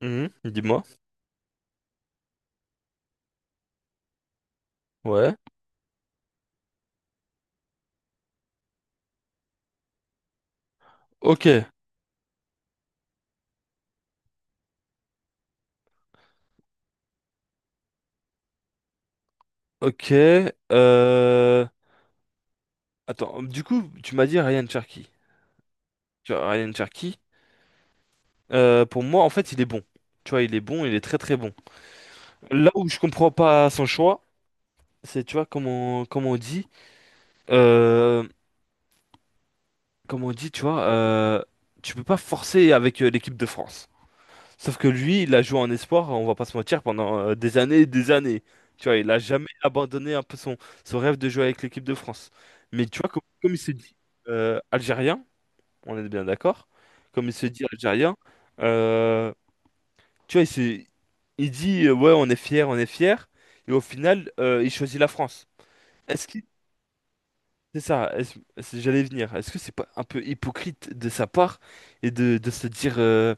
Mhm, dis-moi. Ouais. Ok. Ok. Euh... Attends. Du coup, tu m'as dit Ryan Cherky. Tu vois, Ryan Cherky, pour moi, en fait, il est bon. Tu vois, il est bon, il est très très bon. Là où je comprends pas son choix, c'est, tu vois, comment on dit, euh, comment on dit, tu vois, tu peux pas forcer avec l'équipe de France. Sauf que lui, il a joué en espoir, on va pas se mentir, pendant des années et des années. Tu vois, il a jamais abandonné un peu son, son rêve de jouer avec l'équipe de France. Mais tu vois, comme il se dit algérien, on est bien d'accord, comme il se dit algérien, euh, tu vois, il dit ouais, on est fier, et au final, il choisit la France. Est-ce que c'est ça? J'allais y venir. Est-ce que c'est pas un peu hypocrite de sa part et de se dire.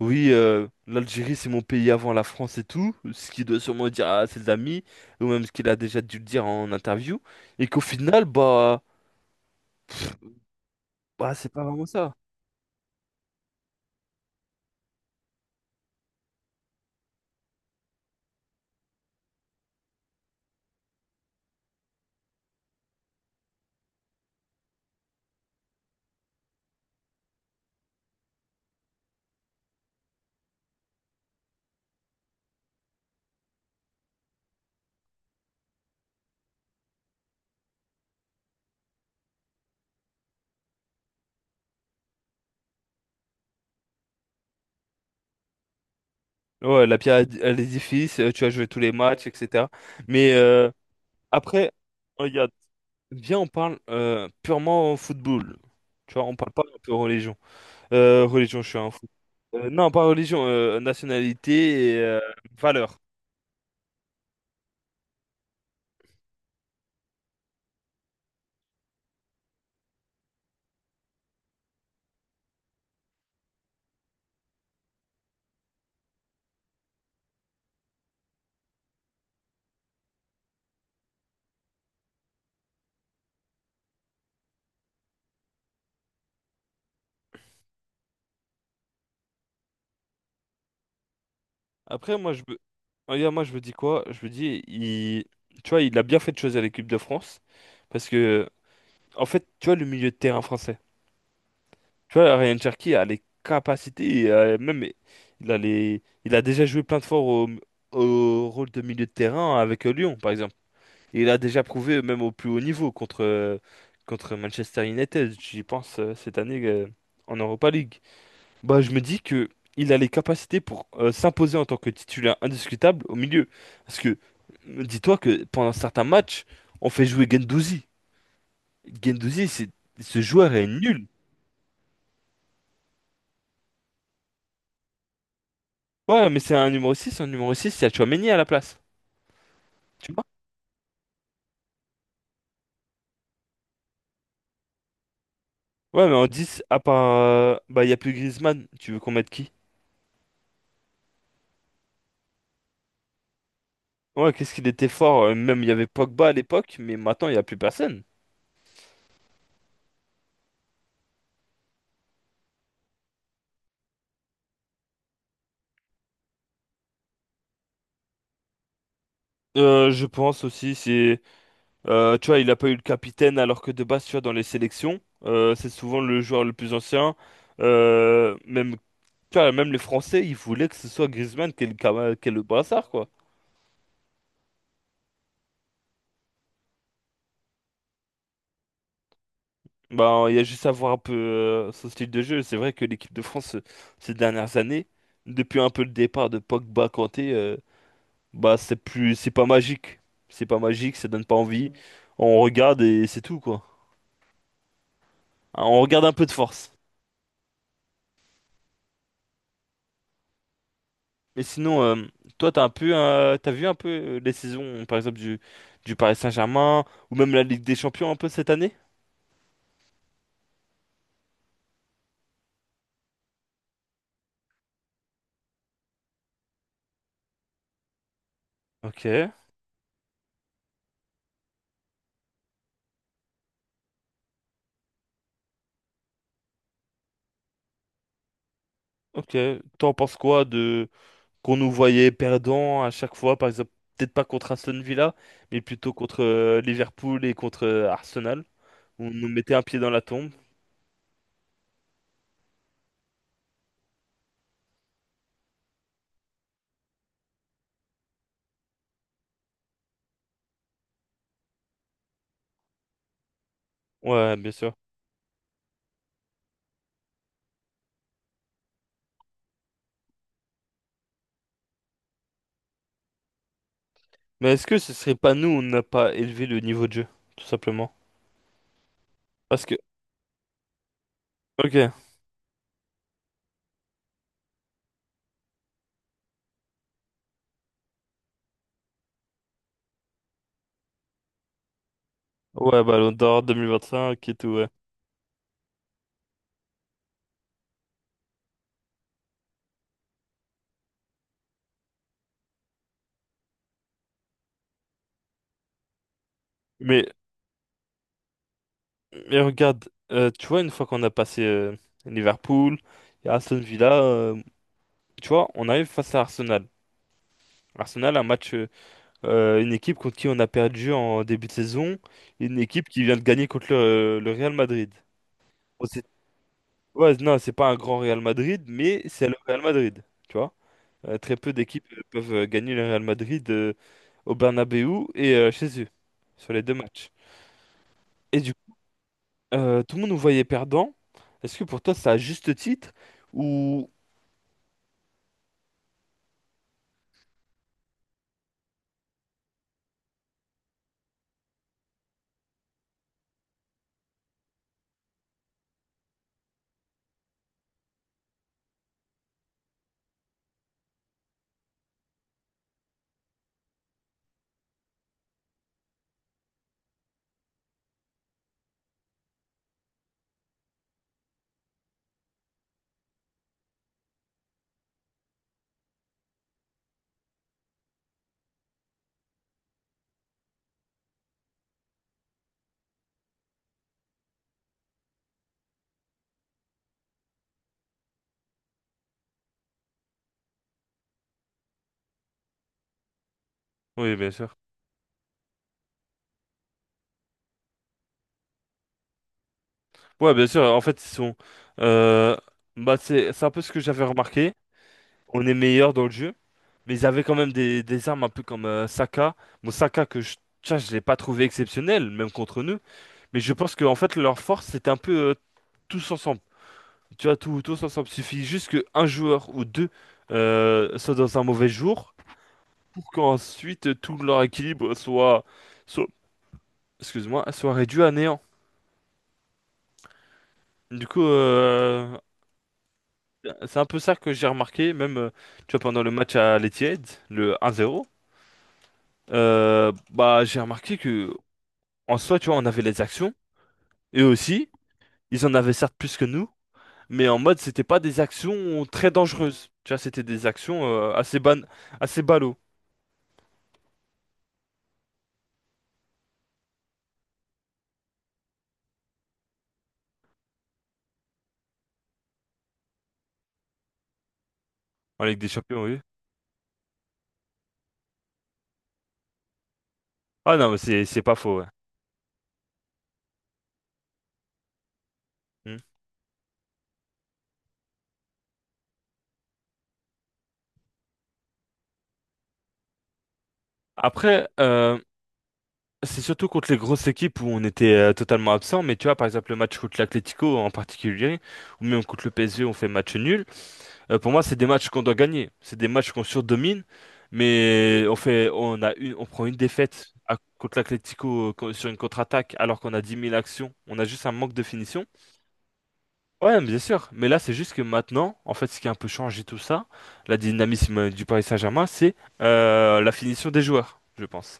Oui, l'Algérie, c'est mon pays avant la France et tout, ce qu'il doit sûrement dire à ses amis, ou même ce qu'il a déjà dû le dire en interview, et qu'au final, bah c'est pas vraiment ça. Ouais, la pierre à l'édifice, tu as joué tous les matchs, etc. Mais après, regarde, viens, on parle purement football. Tu vois, on parle pas un peu religion. Religion, je suis un fou. Non, pas religion, nationalité et valeur. Après, moi, je me... Regarde, moi, je me dis quoi? Je me dis, il... Tu vois, il a bien fait de choisir l'équipe de France. Parce que, en fait, tu vois, le milieu de terrain français. Tu vois, Ryan Cherki a les capacités, il a les... il a déjà joué plein de fois au rôle de milieu de terrain avec Lyon, par exemple. Et il a déjà prouvé, même au plus haut niveau, contre Manchester United, j'y pense, cette année, en Europa League. Bah, je me dis que il a les capacités pour s'imposer en tant que titulaire indiscutable au milieu. Parce que, dis-toi que pendant certains matchs, on fait jouer Gendouzi. Gendouzi, c'est ce joueur est nul. Ouais, mais c'est un numéro six. Un numéro six, il y a Tchouaméni à la place. Tu vois? Ouais, mais en dix, à part. Bah, il n'y a plus Griezmann. Tu veux qu'on mette qui? Ouais, qu'est-ce qu'il était fort. Même, il y avait Pogba à l'époque, mais maintenant, il n'y a plus personne. Je pense aussi, c'est. Tu vois, il a pas eu le capitaine alors que de base, tu vois, dans les sélections, c'est souvent le joueur le plus ancien. Même, tu vois, même les Français, ils voulaient que ce soit Griezmann qui ait qui ait le brassard, quoi. Ben, il y a juste à voir un peu son style de jeu. C'est vrai que l'équipe de France, ces dernières années, depuis un peu le départ de Pogba, Kanté, bah c'est plus, c'est pas magique. C'est pas magique, ça donne pas envie. On regarde et c'est tout, quoi. Hein, on regarde un peu de force. Mais sinon, toi, t'as un peu, t'as vu un peu les saisons, par exemple, du Paris Saint-Germain, ou même la Ligue des Champions un peu cette année? Ok, ok. T'en penses quoi de qu'on nous voyait perdants à chaque fois, par exemple, peut-être pas contre Aston Villa, mais plutôt contre Liverpool et contre Arsenal, où on nous mettait un pied dans la tombe? Ouais, bien sûr. Mais est-ce que ce serait pas nous, on n'a pas élevé le niveau de jeu, tout simplement? Parce que, ok, ouais, Ballon d'Or 5 et tout, ouais. Mais Mais regarde, tu vois, une fois qu'on a passé Liverpool et Aston Villa, tu vois, on arrive face à Arsenal. Arsenal, un match, euh, une équipe contre qui on a perdu en début de saison, une équipe qui vient de gagner contre le Real Madrid. Bon, c'est- ouais, non, c'est pas un grand Real Madrid, mais c'est le Real Madrid, tu vois. Très peu d'équipes peuvent gagner le Real Madrid au Bernabeu et chez eux, sur les deux matchs. Et du coup, tout le monde nous voyait perdant. Est-ce que pour toi, c'est à juste titre? Oui, bien sûr. Ouais, bien sûr. En fait, ils sont. euh, bah, c'est un peu ce que j'avais remarqué. On est meilleur dans le jeu, mais ils avaient quand même des armes un peu comme Saka. Bon, Saka que je, tiens, je l'ai pas trouvé exceptionnel, même contre nous. Mais je pense que en fait, leur force, c'était un peu tous ensemble. Tu vois, tout, tous ensemble. Il suffit juste qu'un joueur ou deux soit dans un mauvais jour pour qu'ensuite tout leur équilibre soit, excuse-moi, soit réduit à néant. Du coup, c'est un peu ça que j'ai remarqué, même tu vois, pendant le match à l'Etihad, le 1-0, bah, j'ai remarqué que en soi, tu vois, on avait les actions, et aussi, ils en avaient certes plus que nous, mais en mode, c'était pas des actions très dangereuses. Tu vois, c'était des actions assez ballot en Ligue des Champions, oui. Ah non, mais c'est pas faux, ouais. Hmm. Après, c'est surtout contre les grosses équipes où on était totalement absent, mais tu vois, par exemple, le match contre l'Atlético en particulier, ou même contre le PSG, on fait match nul. Pour moi, c'est des matchs qu'on doit gagner. C'est des matchs qu'on surdomine, mais on fait, on a une, on prend une défaite contre l'Atlético sur une contre-attaque alors qu'on a 10 000 actions. On a juste un manque de finition. Ouais, mais bien sûr. Mais là, c'est juste que maintenant, en fait, ce qui a un peu changé tout ça, la dynamisme du Paris Saint-Germain, c'est la finition des joueurs, je pense.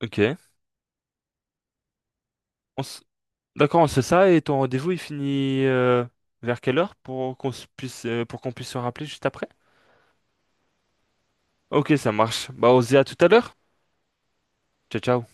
Ok. On s- D'accord, on sait ça. Et ton rendez-vous, il finit vers quelle heure pour qu'on se puisse, pour qu'on puisse se rappeler juste après? Ok, ça marche. Bah, on se dit à tout à l'heure. Ciao, ciao.